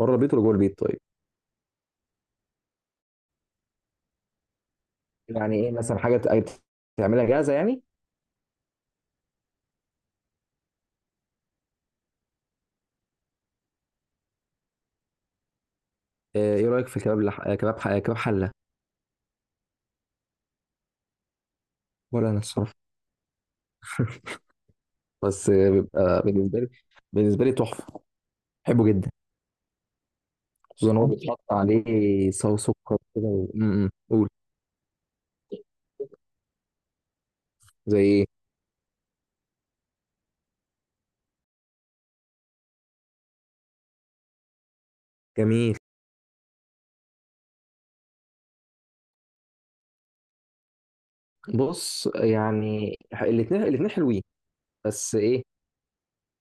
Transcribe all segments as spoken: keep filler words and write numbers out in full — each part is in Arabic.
بره البيت ولا جوه البيت؟ طيب، يعني ايه مثلا حاجه ت- تعملها جاهزه يعني؟ آه، ايه رايك في كباب لح... آه، كباب ح... آه، كباب حله؟ ولا انا الصراحه. بس آه، بيبقى بالنسبه لي بالنسبه لي تحفه، بحبه جدا. خصوصا ان هو بيتحط عليه صو سكر كده و... م- م. قول. زي ايه؟ جميل. بص يعني الاثنين الاثنين حلوين. بس ايه،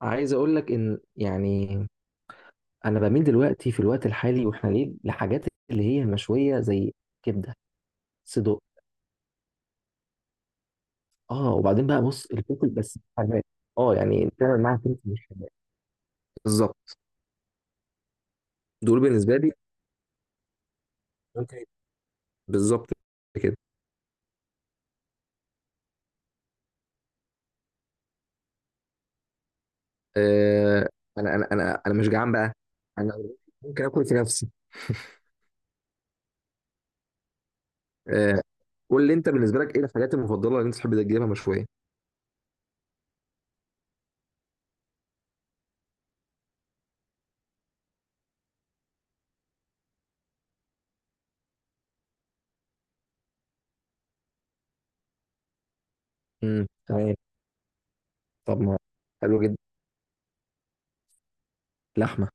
عايز اقول لك ان يعني انا بميل دلوقتي في الوقت الحالي واحنا ليه لحاجات اللي هي مشويه، زي كبده. صدق. اه، وبعدين بقى بص الفلفل بس حراق. اه يعني تعمل معاها فلفل مش حراق. بالظبط. دول بالنسبه لي ممكن يبقى- بالظبط كده. آه، انا انا انا انا مش جعان بقى. انا ممكن اكل في نفسي. آه، قول لي انت بالنسبه لك ايه الحاجات المفضله اللي انت تحب تجيبها مشويه؟ امم، تمام. طب ما، حلو جدا. لحمه.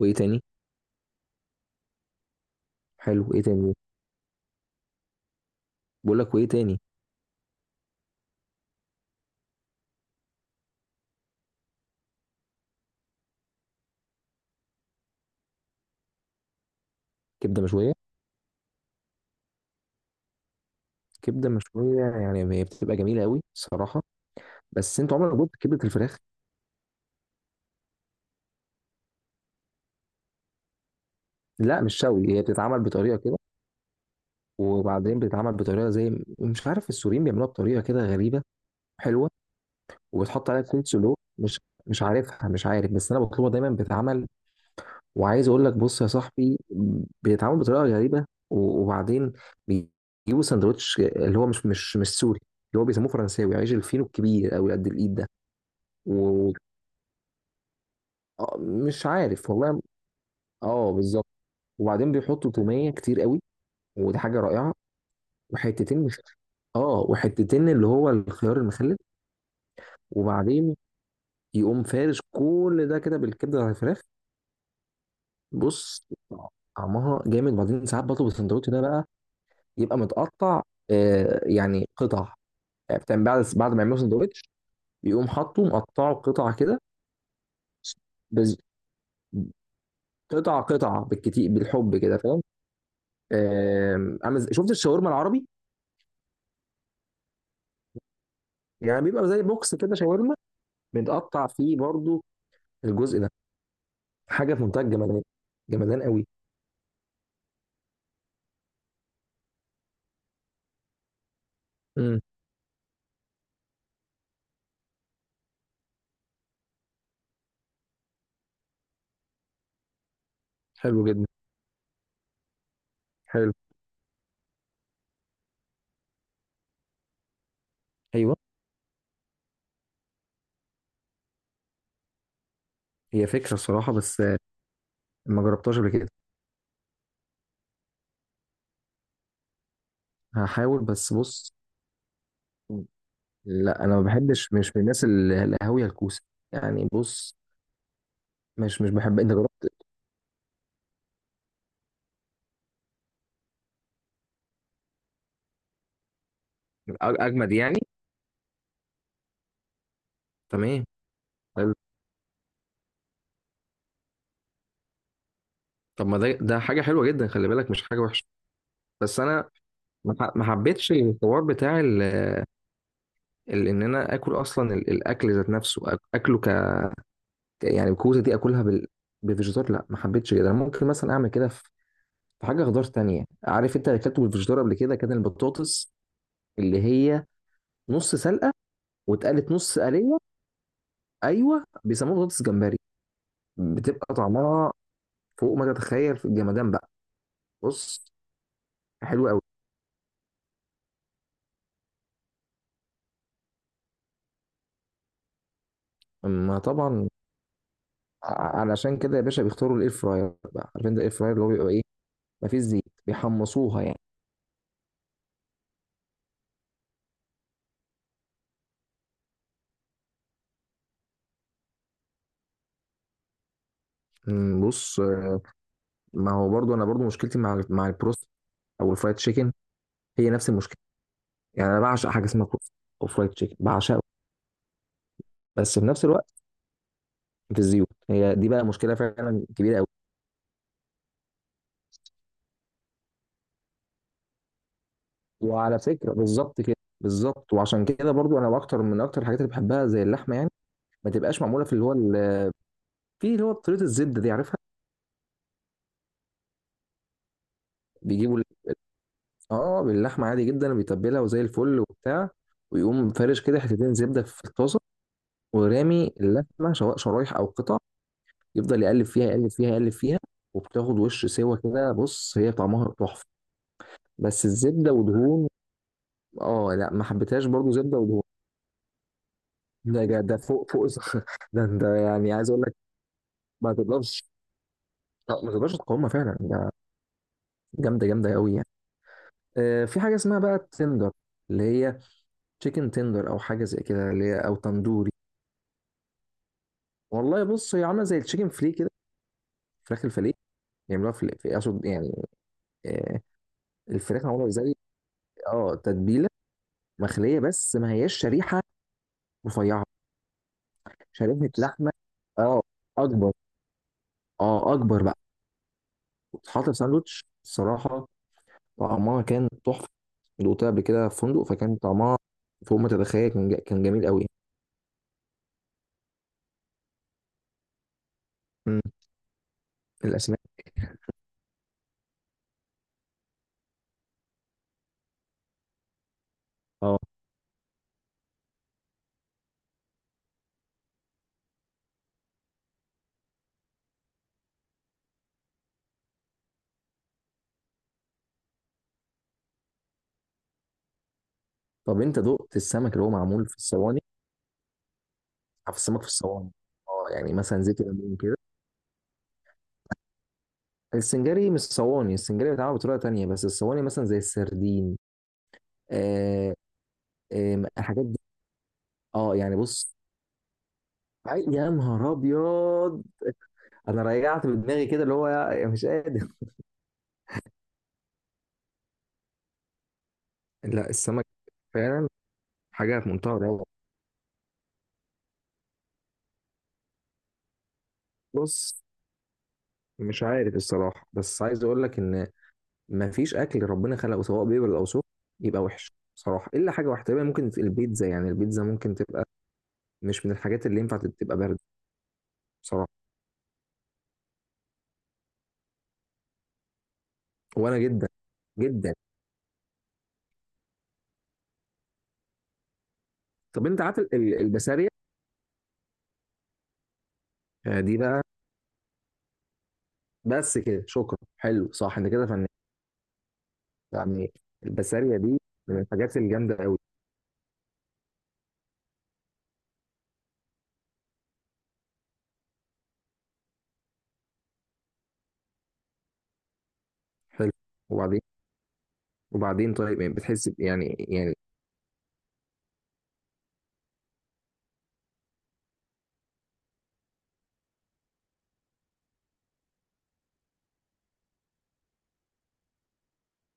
وايه تاني؟ حلو، وايه تاني؟ بقول لك وايه تاني؟ كبده مشويه. كبده مشويه، يعني هي بتبقى جميله قوي صراحه. بس انت عمرك جبت كبده الفراخ؟ لا مش شوي، هي بتتعمل بطريقه كده. وبعدين بتتعمل بطريقه زي، مش عارف، السوريين بيعملوها بطريقه كده غريبه، حلوه. وبتحط عليها كول سلو، مش مش عارفها. مش عارف بس انا بطلبها دايما بتتعمل. وعايز اقول لك بص يا صاحبي، بيتعمل بطريقه غريبه. و- وبعدين بيجيبوا سندوتش اللي هو مش مش مش سوري، اللي هو بيسموه فرنساوي، عيش الفينو الكبير قوي قد الايد ده. ومش عارف والله. اه بالظبط. وبعدين بيحطوا توميه كتير قوي، ودي حاجه رائعه. وحتتين مش اه، وحتتين اللي هو الخيار المخلل. وبعدين يقوم فارش كل ده كده بالكبده على الفراخ. بص طعمها جامد. بعدين ساعات بطلب السندوتش ده بقى يبقى متقطع. آه يعني قطع، يعني بتاع- بعد بعد ما يعملوا سندوتش يقوم حاطه مقطعه قطع كده. بز... قطع قطع بالكتير بالحب كده، فاهم؟ آم، عامل زي- شفت الشاورما العربي؟ يعني بيبقى زي بوكس كده شاورما، متقطع فيه برضو الجزء ده. حاجه في منتهى الجمدان، جمدان قوي. امم، حلو جدا. حلو، ايوه. هي فكره الصراحه بس آه، ما جربتهاش قبل كده. هحاول بس بص، لا انا ما بحبش، مش من الناس ال- القهاويه الكوسه يعني. بص مش مش بحب. انت جربت؟ أج- اجمد يعني. تمام، حلو. طب ما ده، ده حاجه حلوه جدا خلي بالك، مش حاجه وحشه. بس انا ما ح- ما حبيتش الحوار بتاع ال... ال... ان انا اكل اصلا ال... الاكل ذات نفسه أك- اكله ك، يعني الكوسه دي اكلها بال... بفيجيتار، لا ما حبيتش كده. أنا ممكن مثلا اعمل كده في حاجة خضار تانية. عارف انت اللي اكلته بالفشدار قبل كده كان البطاطس، اللي هي نص سلقة واتقلت نص قلية. ايوه بيسموها بطاطس جمبري. بتبقى طعمها فوق ما تتخيل في الجمدان بقى. بص، حلو قوي. اما طبعا، ع- علشان كده يا باشا بيختاروا الاير فراير بقى. عارف انت الاير فراير اللي هو بيبقى ايه؟ مفيش زيت، بيحمصوها يعني. مم، بص، ما هو برضو انا برضو مشكلتي مع ال- مع البروست او الفرايد تشيكن، هي نفس المشكلة. يعني انا بعشق حاجة اسمها بروست او فرايد تشيكن، بعشقه. بس في نفس الوقت في الزيوت، هي دي بقى مشكله فعلا كبيره قوي. وعلى فكره بالظبط كده، بالظبط. وعشان كده برضو انا اكتر من اكتر الحاجات اللي بحبها زي اللحمه يعني، ما تبقاش معموله في اللي هو ال- في اللي هو طريقه الزبده دي، عارفها؟ بيجيبوا ال- اه، باللحمه عادي جدا بيتبلها وزي الفل وبتاع، ويقوم فارش كده حتتين زبده في الطاسه، ورامي اللحمه سواء شرايح او قطع، يفضل يقلب فيها يقلب فيها يقلب فيها، وبتاخد وش سوا كده. بص هي طعمها تحفه، بس الزبده ودهون. اه لا، ما حبيتهاش برضو، زبده ودهون. ده ده ده فوق فوق. ده ده يعني عايز اقول لك، ما تقدرش، ما تقدرش تقاومها فعلا ده. جامده، جامده قوي يعني. آه، في حاجه اسمها بقى التندر، اللي هي تشيكن تندر او حاجه زي كده، اللي هي او تندوري. والله بص، هي عامله زي التشيكن فلي كده، فراخ الفلي. يعملوها في في- اقصد يعني، آه، الفراخ معموله زي، اه، تتبيله. مخليه بس ما هياش شريحه رفيعه، شريحه لحمه، اه اكبر، اه اكبر بقى. وتتحط في ساندوتش الصراحه، طعمها كان تحفة. دوقتها قبل كده في فندق فكان طعمها فوق ما تتخيل، كان جا- كان جميل قوي. امم، الاسماك. اه. طب انت دقت السمك اللي هو معمول في الصواني؟ عارف السمك في الصواني؟ اه، يعني مثلا زيت الليمون كده. السنجاري مش صواني، السنجاري بيتعمل بطريقه تانية، بس الصواني مثلا زي السردين. آه، آه، الحاجات دي. اه يعني بص، عي- يا نهار ابيض، انا رجعت بدماغي كده اللي هو يا- يا مش قادر. لا السمك فعلا حاجه في منتهى الروعه. بص، مش عارف الصراحة، بس عايز اقول لك ان مفيش اكل ربنا خلقه سواء بيبل او سخن يبقى وحش بصراحة، الا حاجة واحدة تقريبا ممكن، في البيتزا يعني. البيتزا ممكن تبقى مش من الحاجات اللي ينفع تبقى باردة بصراحة. وانا جدا جدا. طب انت عارف ال- ال- البسارية؟ آه، دي بقى، بس كده شكرا حلو صح انت كده فنان يعني. البسارية دي من الحاجات الجامدة قوي. حلو. وبعدين، وبعدين طيب، يعني بتحس ب- يعني، يعني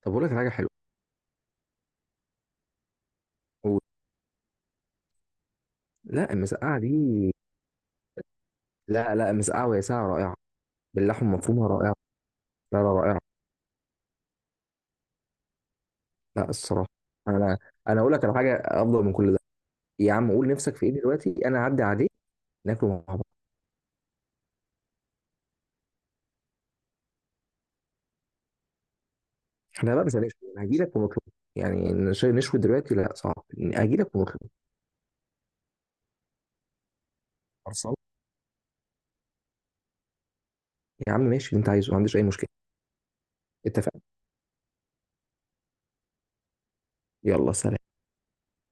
طب اقول لك على حاجة حلوة. قول. لا المسقعة دي، لا لا، مسقعة وهي ساعة رائعة، باللحمه المفرومه رائعه. لا لا رائعه. لا الصراحه، انا انا اقول لك على حاجه افضل من كل ده. يا عم قول نفسك في ايه دلوقتي، انا هعدي عليك ناكله مع بعض. احنا بقى مش هنشوي، انا هجي لك ونطلب. يعني نش- نشوي دلوقتي لا صعب، هجي لك ونطلب. خلصان. يا عم ماشي اللي انت عايزه، ما عنديش اي مشكله. اتفقنا. يلا سلام.